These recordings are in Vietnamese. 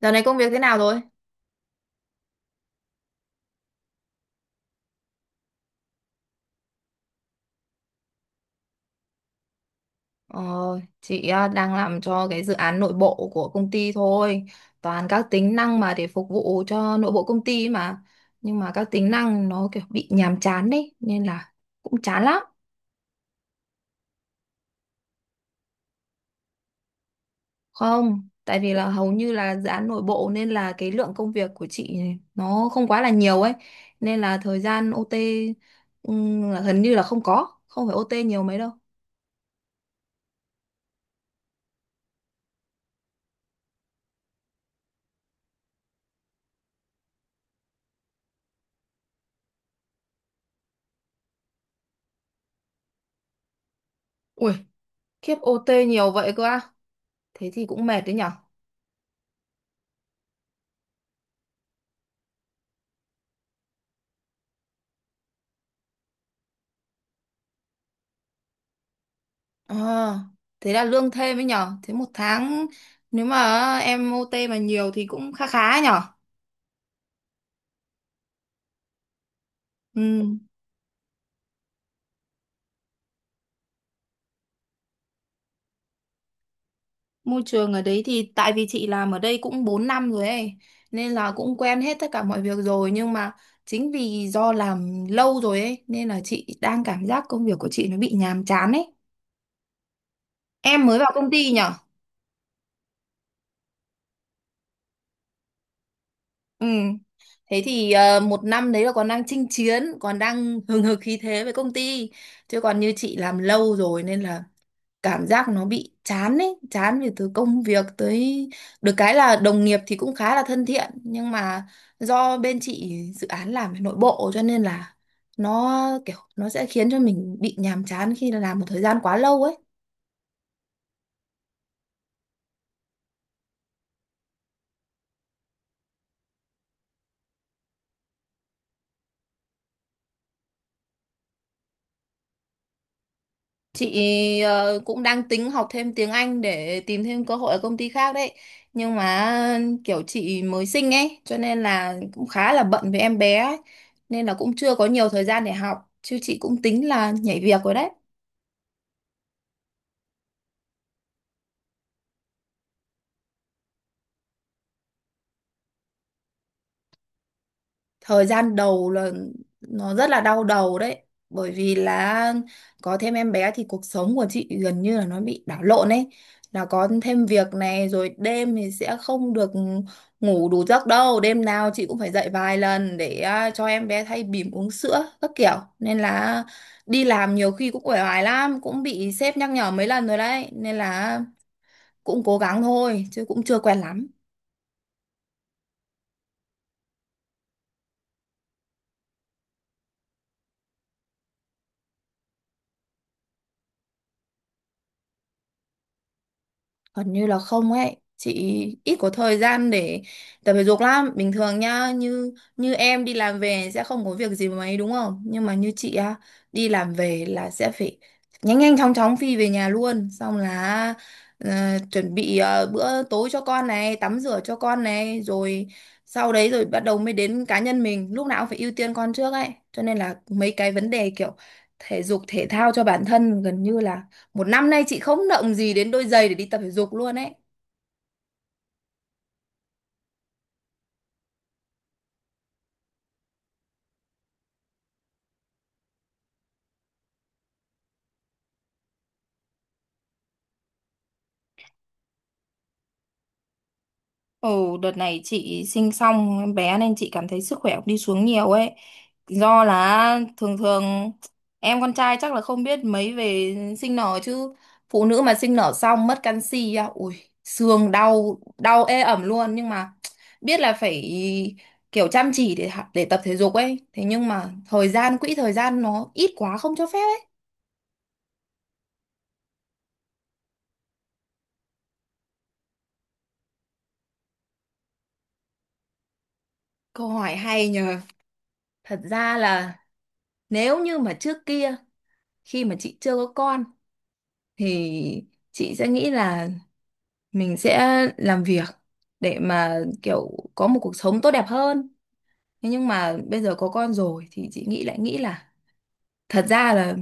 Giờ này công việc thế nào rồi? Ờ, chị đang làm cho cái dự án nội bộ của công ty thôi. Toàn các tính năng mà để phục vụ cho nội bộ công ty ấy mà. Nhưng mà các tính năng nó kiểu bị nhàm chán đấy. Nên là cũng chán lắm. Không, tại vì là hầu như là dự án nội bộ nên là cái lượng công việc của chị nó không quá là nhiều ấy. Nên là thời gian OT là gần như là không có. Không phải OT nhiều mấy đâu. Ui, khiếp OT nhiều vậy cơ à? Thế thì cũng mệt đấy nhở? Ờ, thế là lương thêm ấy nhở? Thế một tháng nếu mà em OT mà nhiều thì cũng khá khá ấy nhở? Ừ, môi trường ở đấy thì tại vì chị làm ở đây cũng 4 năm rồi ấy, nên là cũng quen hết tất cả mọi việc rồi. Nhưng mà chính vì do làm lâu rồi ấy nên là chị đang cảm giác công việc của chị nó bị nhàm chán ấy. Em mới vào công ty nhở? Ừ, thế thì 1 năm đấy là còn đang chinh chiến, còn đang hừng hực khí thế với công ty, chứ còn như chị làm lâu rồi nên là cảm giác nó bị chán ấy, chán về từ công việc tới. Được cái là đồng nghiệp thì cũng khá là thân thiện, nhưng mà do bên chị dự án làm về nội bộ cho nên là nó kiểu nó sẽ khiến cho mình bị nhàm chán khi làm một thời gian quá lâu ấy. Chị cũng đang tính học thêm tiếng Anh để tìm thêm cơ hội ở công ty khác đấy, nhưng mà kiểu chị mới sinh ấy cho nên là cũng khá là bận với em bé ấy. Nên là cũng chưa có nhiều thời gian để học, chứ chị cũng tính là nhảy việc rồi đấy. Thời gian đầu là nó rất là đau đầu đấy, bởi vì là có thêm em bé thì cuộc sống của chị gần như là nó bị đảo lộn ấy, là có thêm việc này rồi, đêm thì sẽ không được ngủ đủ giấc đâu, đêm nào chị cũng phải dậy vài lần để cho em bé thay bỉm, uống sữa các kiểu. Nên là đi làm nhiều khi cũng uể oải lắm, cũng bị sếp nhắc nhở mấy lần rồi đấy, nên là cũng cố gắng thôi chứ cũng chưa quen lắm. Gần như là không ấy. Chị ít có thời gian để tập thể dục lắm. Bình thường nhá, Như như em đi làm về sẽ không có việc gì mấy đúng không? Nhưng mà như chị á, đi làm về là sẽ phải nhanh nhanh chóng chóng phi về nhà luôn. Xong là ờ, chuẩn bị bữa tối cho con này, tắm rửa cho con này, rồi sau đấy rồi bắt đầu mới đến cá nhân mình. Lúc nào cũng phải ưu tiên con trước ấy. Cho nên là mấy cái vấn đề kiểu thể dục thể thao cho bản thân, gần như là 1 năm nay chị không động gì đến đôi giày để đi tập thể dục luôn ấy. Ồ, đợt này chị sinh xong em bé nên chị cảm thấy sức khỏe cũng đi xuống nhiều ấy. Do là thường thường em con trai chắc là không biết mấy về sinh nở, chứ phụ nữ mà sinh nở xong mất canxi á, ui, xương đau đau ê ẩm luôn. Nhưng mà biết là phải kiểu chăm chỉ để để tập thể dục ấy. Thế nhưng mà thời gian quỹ thời gian nó ít quá không cho phép ấy. Câu hỏi hay nhờ. Thật ra là nếu như mà trước kia khi mà chị chưa có con thì chị sẽ nghĩ là mình sẽ làm việc để mà kiểu có một cuộc sống tốt đẹp hơn. Thế nhưng mà bây giờ có con rồi thì chị nghĩ lại, nghĩ là thật ra là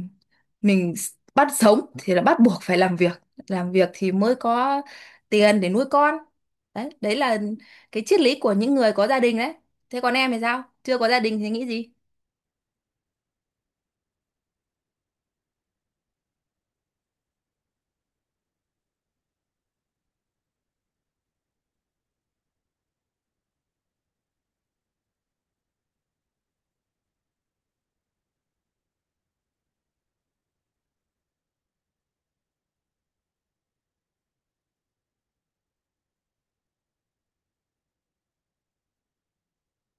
bắt sống thì là bắt buộc phải làm việc, làm việc thì mới có tiền để nuôi con. Đấy, đấy là cái triết lý của những người có gia đình đấy. Thế còn em thì sao, chưa có gia đình thì nghĩ gì?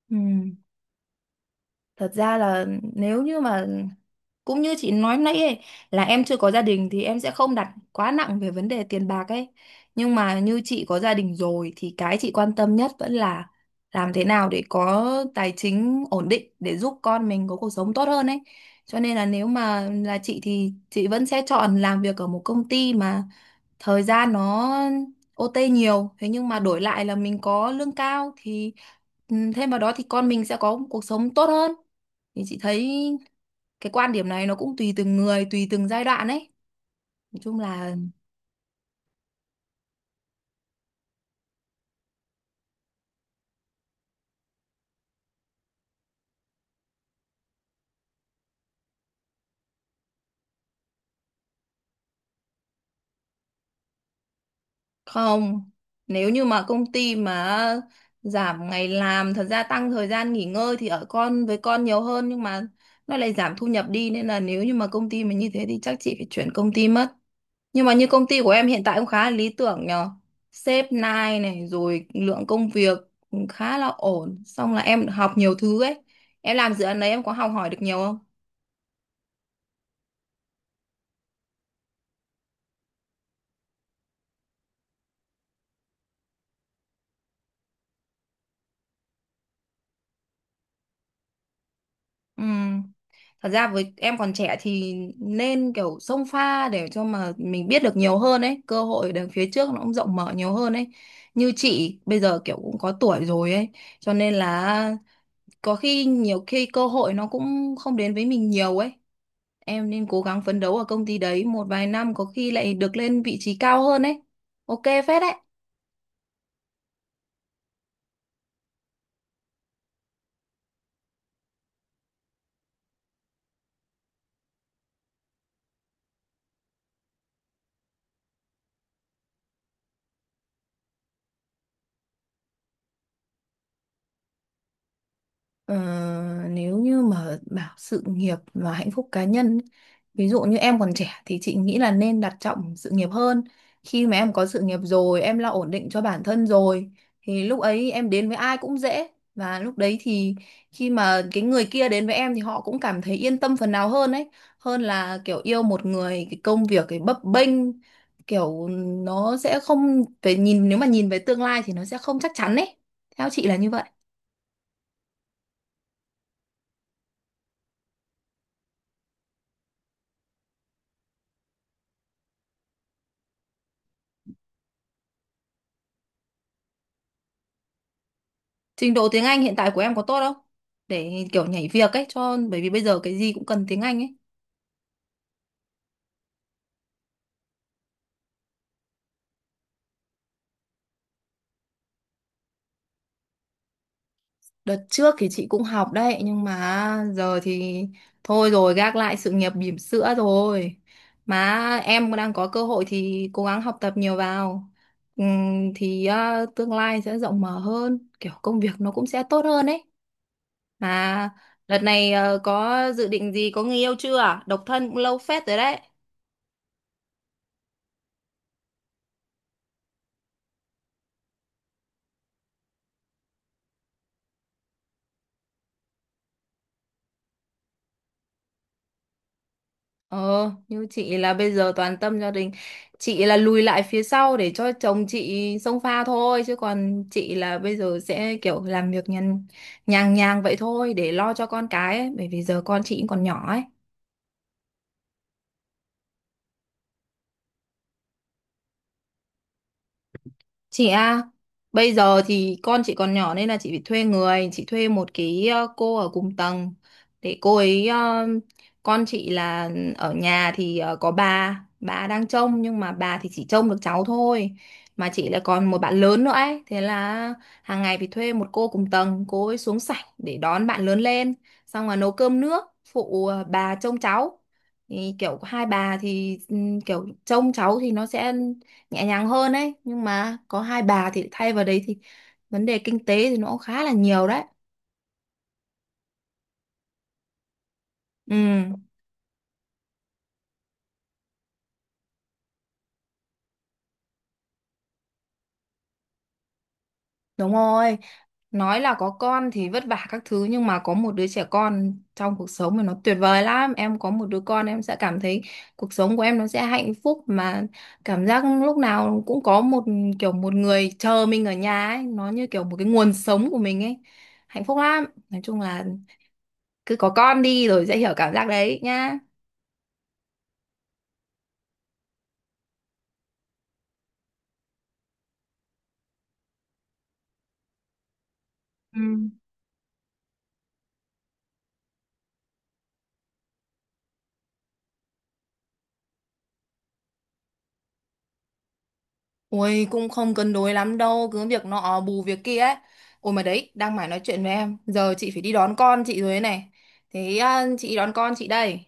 Ừ. Thật ra là nếu như mà cũng như chị nói nãy ấy, là em chưa có gia đình thì em sẽ không đặt quá nặng về vấn đề tiền bạc ấy. Nhưng mà như chị có gia đình rồi thì cái chị quan tâm nhất vẫn là làm thế nào để có tài chính ổn định để giúp con mình có cuộc sống tốt hơn ấy. Cho nên là nếu mà là chị thì chị vẫn sẽ chọn làm việc ở một công ty mà thời gian nó OT nhiều, thế nhưng mà đổi lại là mình có lương cao thì ừ, thêm vào đó thì con mình sẽ có một cuộc sống tốt hơn. Thì chị thấy cái quan điểm này nó cũng tùy từng người, tùy từng giai đoạn ấy. Nói chung là không, nếu như mà công ty mà giảm ngày làm, thật ra tăng thời gian nghỉ ngơi thì ở con với con nhiều hơn, nhưng mà nó lại giảm thu nhập đi, nên là nếu như mà công ty mà như thế thì chắc chị phải chuyển công ty mất. Nhưng mà như công ty của em hiện tại cũng khá là lý tưởng nhờ. Sếp nai này, rồi lượng công việc cũng khá là ổn. Xong là em học nhiều thứ ấy. Em làm dự án đấy em có học hỏi được nhiều không? Ừ. Thật ra với em còn trẻ thì nên kiểu xông pha để cho mà mình biết được nhiều hơn ấy. Cơ hội đằng phía trước nó cũng rộng mở nhiều hơn ấy. Như chị bây giờ kiểu cũng có tuổi rồi ấy. Cho nên là có khi, nhiều khi cơ hội nó cũng không đến với mình nhiều ấy. Em nên cố gắng phấn đấu ở công ty đấy một vài năm, có khi lại được lên vị trí cao hơn ấy. OK phết đấy. Ờ, nếu như mà bảo sự nghiệp và hạnh phúc cá nhân, ví dụ như em còn trẻ thì chị nghĩ là nên đặt trọng sự nghiệp hơn. Khi mà em có sự nghiệp rồi, em lo ổn định cho bản thân rồi thì lúc ấy em đến với ai cũng dễ, và lúc đấy thì khi mà cái người kia đến với em thì họ cũng cảm thấy yên tâm phần nào hơn ấy, hơn là kiểu yêu một người cái công việc cái bấp bênh, kiểu nó sẽ không về nhìn, nếu mà nhìn về tương lai thì nó sẽ không chắc chắn ấy. Theo chị là như vậy. Trình độ tiếng Anh hiện tại của em có tốt không? Để kiểu nhảy việc ấy, cho bởi vì bây giờ cái gì cũng cần tiếng Anh ấy. Đợt trước thì chị cũng học đấy, nhưng mà giờ thì thôi rồi, gác lại sự nghiệp bỉm sữa rồi. Mà em đang có cơ hội thì cố gắng học tập nhiều vào. Thì tương lai sẽ rộng mở hơn, kiểu công việc nó cũng sẽ tốt hơn ấy. Mà đợt này có dự định gì, có người yêu chưa? Độc thân cũng lâu phết rồi đấy. Ờ, như chị là bây giờ toàn tâm gia đình. Chị là lùi lại phía sau để cho chồng chị xông pha thôi. Chứ còn chị là bây giờ sẽ kiểu làm việc nhàn, nhàng nhàng vậy thôi để lo cho con cái ấy. Bởi vì giờ con chị cũng còn nhỏ ấy. Chị à, bây giờ thì con chị còn nhỏ nên là chị phải thuê người, chị thuê một cái cô ở cùng tầng để cô ấy con chị là ở nhà thì có bà đang trông, nhưng mà bà thì chỉ trông được cháu thôi. Mà chị lại còn một bạn lớn nữa ấy, thế là hàng ngày phải thuê một cô cùng tầng, cô ấy xuống sảnh để đón bạn lớn lên, xong là nấu cơm nước, phụ bà trông cháu. Thì kiểu hai bà thì ừ, kiểu trông cháu thì nó sẽ nhẹ nhàng hơn ấy, nhưng mà có hai bà thì thay vào đấy thì vấn đề kinh tế thì nó cũng khá là nhiều đấy. Ừ, đúng rồi. Nói là có con thì vất vả các thứ, nhưng mà có một đứa trẻ con trong cuộc sống thì nó tuyệt vời lắm. Em có một đứa con em sẽ cảm thấy cuộc sống của em nó sẽ hạnh phúc mà. Cảm giác lúc nào cũng có một kiểu một người chờ mình ở nhà ấy, nó như kiểu một cái nguồn sống của mình ấy. Hạnh phúc lắm. Nói chung là cứ có con đi rồi sẽ hiểu cảm giác đấy nhá. Ừ. Ôi cũng không cân đối lắm đâu, cứ việc nọ bù việc kia ấy. Ôi mà đấy, đang mải nói chuyện với em, giờ chị phải đi đón con chị rồi đấy này. Thế à, chị đón con chị đây.